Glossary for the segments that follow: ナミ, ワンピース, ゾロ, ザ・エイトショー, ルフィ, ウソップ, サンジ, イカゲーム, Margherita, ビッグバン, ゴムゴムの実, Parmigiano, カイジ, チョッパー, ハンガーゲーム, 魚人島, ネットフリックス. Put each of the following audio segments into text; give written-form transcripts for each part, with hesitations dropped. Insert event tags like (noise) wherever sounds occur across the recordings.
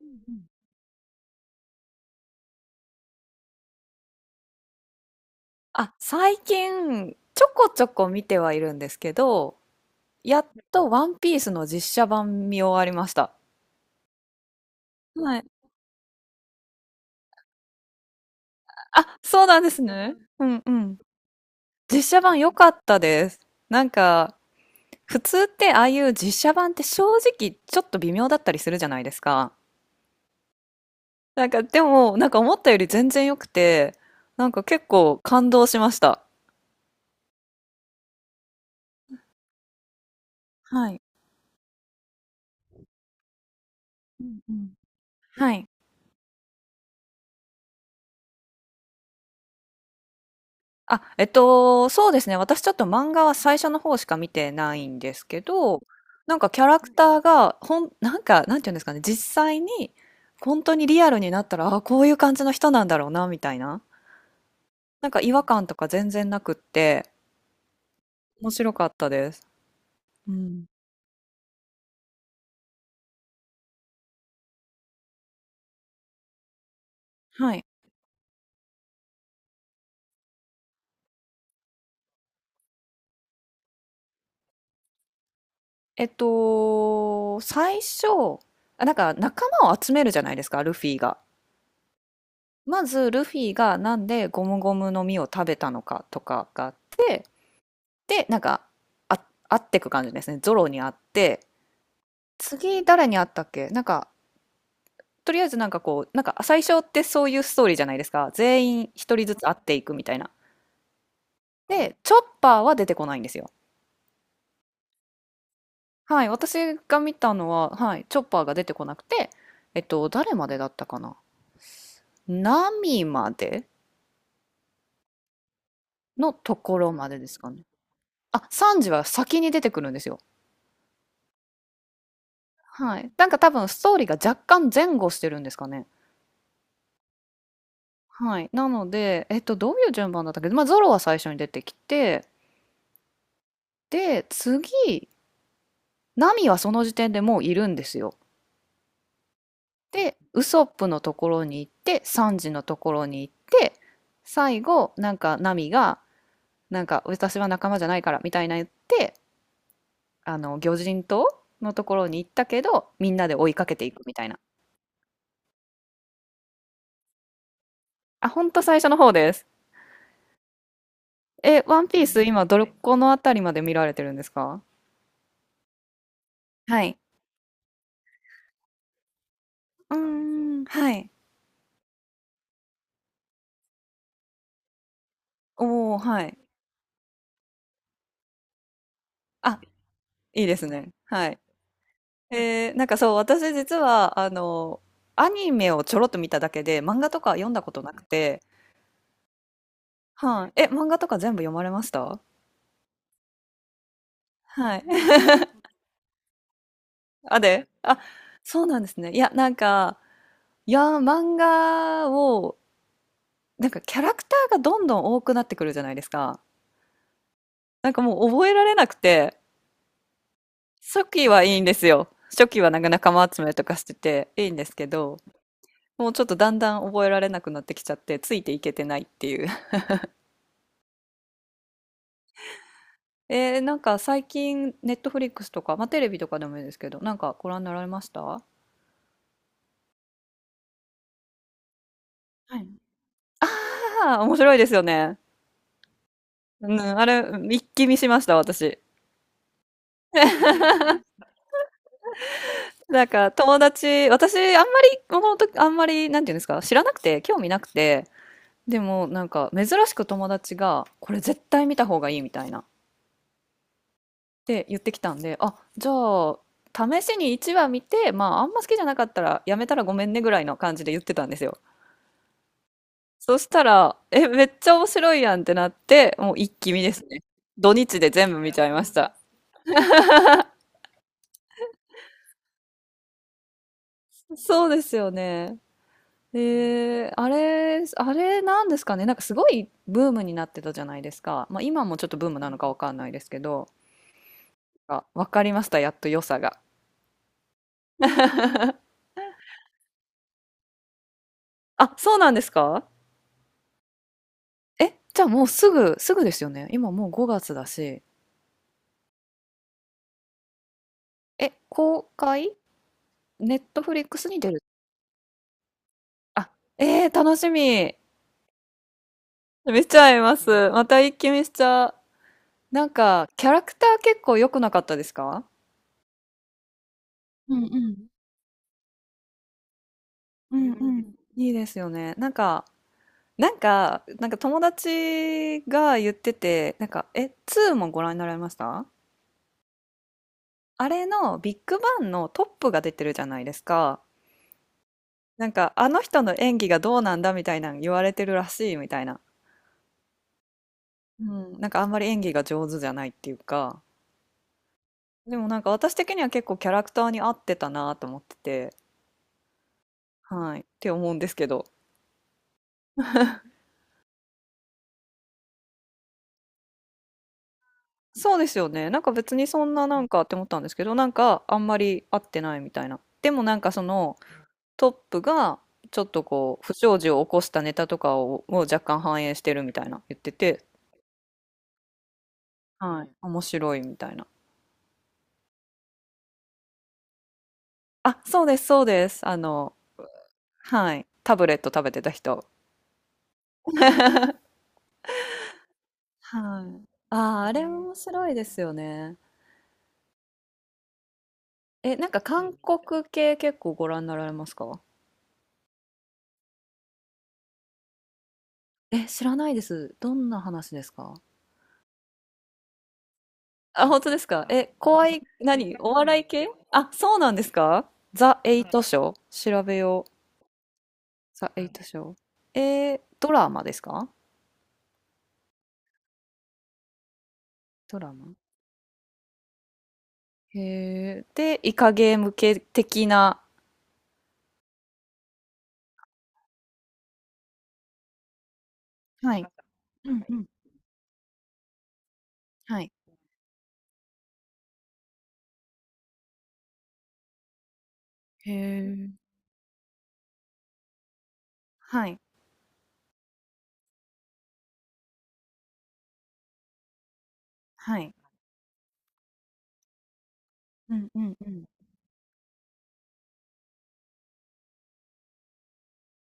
うんうん。あ、最近、ちょこちょこ見てはいるんですけど、やっとワンピースの実写版見終わりました。はい。あ、そうなんですね。うんうん。実写版良かったです。なんか、普通ってああいう実写版って正直ちょっと微妙だったりするじゃないですか。なんか、でも、なんか思ったより全然良くて、なんか結構感動しました。はい。うんうん。はい。あ、そうですね。私ちょっと漫画は最初の方しか見てないんですけど、なんかキャラクターが、なんか、なんていうんですかね、実際に、本当にリアルになったら、あ、こういう感じの人なんだろうな、みたいな。なんか違和感とか全然なくって、面白かったです。うん。はい。最初、なんか仲間を集めるじゃないですか、ルフィが。まず、ルフィがなんでゴムゴムの実を食べたのかとかがあって、でなんかあ会ってく感じですね。ゾロに会って、次誰に会ったっけ。なんかとりあえずなんかこうなんか最初ってそういうストーリーじゃないですか。全員一人ずつ会っていくみたいな。でチョッパーは出てこないんですよ。はい、私が見たのは、はい、チョッパーが出てこなくて、誰までだったかな。ナミまでのところまでですかね。あ、サンジは先に出てくるんですよ。はい、なんか多分ストーリーが若干前後してるんですかね。はい。なので、どういう順番だったっけ。まあ、ゾロは最初に出てきて、で、次、ナミはその時点でもういるんですよ。で、ウソップのところに行って、サンジのところに行って、最後、なんか、ナミが、なんか、私は仲間じゃないから、みたいな言って、魚人島のところに行ったけど、みんなで追いかけていくみたいな。あ、ほんと最初の方です。え、ワンピース、今、どこのあたりまで見られてるんですか？はい。うーん、はい。おー、はい。あ、いいですね。はい。なんかそう、私実は、アニメをちょろっと見ただけで、漫画とか読んだことなくて、はい。え、漫画とか全部読まれました？はい。(laughs) あ、で、あ、そうなんですね。いや、なんか、いや、漫画を、なんかキャラクターがどんどん多くなってくるじゃないですか。なんかもう覚えられなくて、初期はいいんですよ。初期はなんか仲間集めとかしてていいんですけど、もうちょっとだんだん覚えられなくなってきちゃって、ついていけてないっていう。なんか最近、ネットフリックスとか、まあ、テレビとかでもいいですけど、なんかご覧になられましたあ？はい。あー、面白いですよね。うん、あれ、一気見しました、私。なんか友達、私、あんまり、この時、あんまり、なんていうんですか、知らなくて、興味なくて、でも、なんか、珍しく友達が、これ絶対見た方がいいみたいな、って言ってきたんで、あ、じゃあ、試しに1話見て、まあ、あんま好きじゃなかったら、やめたらごめんねぐらいの感じで言ってたんですよ。そしたら、え、めっちゃ面白いやんってなって、もう一気見ですね。土日で全部見ちゃいました。そうですよね。あれなんですかね。なんかすごいブームになってたじゃないですか。まあ今もちょっとブームなのかわかんないですけど、あ、わかりました。やっと良さが。(laughs) あ、そうなんですか？え、じゃあもうすぐ、すぐですよね。今もう5月だし。え、公開？ネットフリックスに出る？あ、楽しみ。見ちゃいます。また一気見しちゃう。なんか、キャラクター結構良くなかったですか？うんうん。うんうん。いいですよね。なんか、友達が言ってて、なんか、2もご覧になられました？あれのビッグバンのトップが出てるじゃないですか。なんか、あの人の演技がどうなんだみたいなの言われてるらしいみたいな。うん、なんかあんまり演技が上手じゃないっていうか。でもなんか私的には結構キャラクターに合ってたなと思ってて。はい。って思うんですけど。そうですよね。なんか別にそんななんかって思ったんですけど、なんかあんまり合ってないみたいな。でもなんかそのトップがちょっとこう不祥事を起こしたネタとかを若干反映してるみたいな言ってて、はい。面白いみたいな。あ、そうです、そうです。はい。タブレット食べてた人。はい。ああ、あれ面白いですよね。え、なんか韓国系結構ご覧になられますか？え、知らないです。どんな話ですか？あ、本当ですか？え、怖い、何？お笑い系？あ、そうなんですか？ザ・エイトショー調べよう。ザ・エイトショー。ドラマですか？ドラマ。へえ。で、イカゲーム系的な。はい。うんうん。はい。へえ。はい。はい。うんうんうん。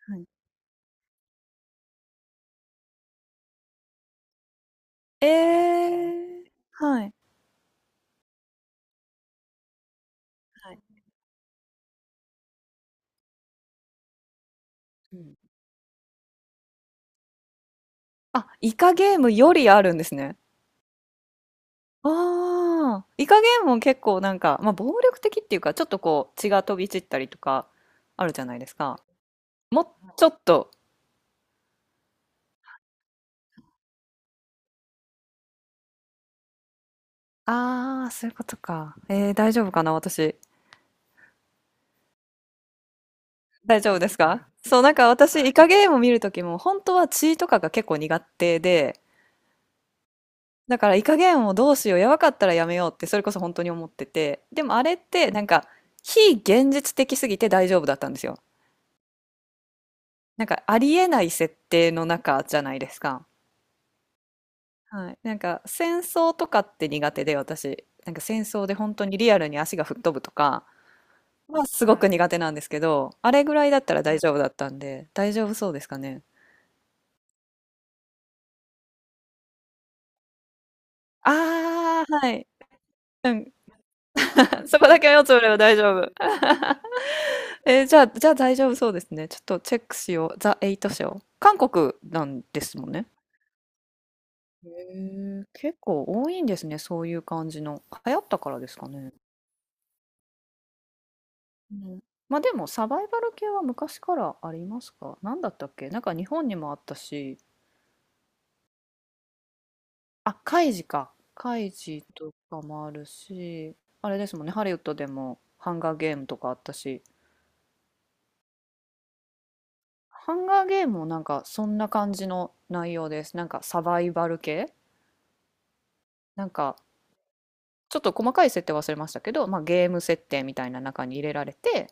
はい。えー、はい。はい。うん。あ、イカゲームよりあるんですね。ああ、イカゲームも結構なんか、まあ、暴力的っていうか、ちょっとこう血が飛び散ったりとかあるじゃないですか。もうちょっと、ああ、そういうことか。大丈夫かな、私。大丈夫ですか？そう、なんか私、イカゲームを見るときも、本当は血とかが結構苦手で、だからイカゲームをどうしよう、やばかったらやめようって、それこそ本当に思ってて、でもあれって、なんか、非現実的すぎて大丈夫だったんですよ。なんか、ありえない設定の中じゃないですか。はい、なんか戦争とかって苦手で、私なんか戦争で本当にリアルに足が吹っ飛ぶとかはすごく苦手なんですけど、あれぐらいだったら大丈夫だったんで大丈夫そうですかね？ああー、はい。 (laughs) そこだけ目をつぶれば大丈夫？じゃあ、大丈夫そうですね。ちょっとチェックしよう。ザ・エイト w 韓国なんですもんね。へえ、結構多いんですね。そういう感じの流行ったからですかね。うん、ま、でもサバイバル系は昔からありますか？何だったっけ？なんか日本にもあったし、あ、カイジか。カイジとかもあるし、あれですもんね、ハリウッドでもハンガーゲームとかあったし、ハンガーゲームもなんかそんな感じの内容です。なんかサバイバル系？なんかちょっと細かい設定忘れましたけど、まあ、ゲーム設定みたいな中に入れられて、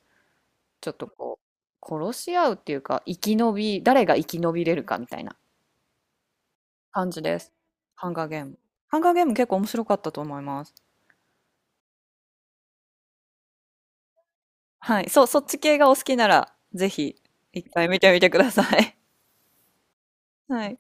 ちょっとこう殺し合うっていうか、生き延び誰が生き延びれるかみたいな。感じです。ハンガーゲーム。ハンガーゲーム結構面白かったと思います。はい。そう、そっち系がお好きなら、ぜひ、一回見てみてください。(laughs) はい。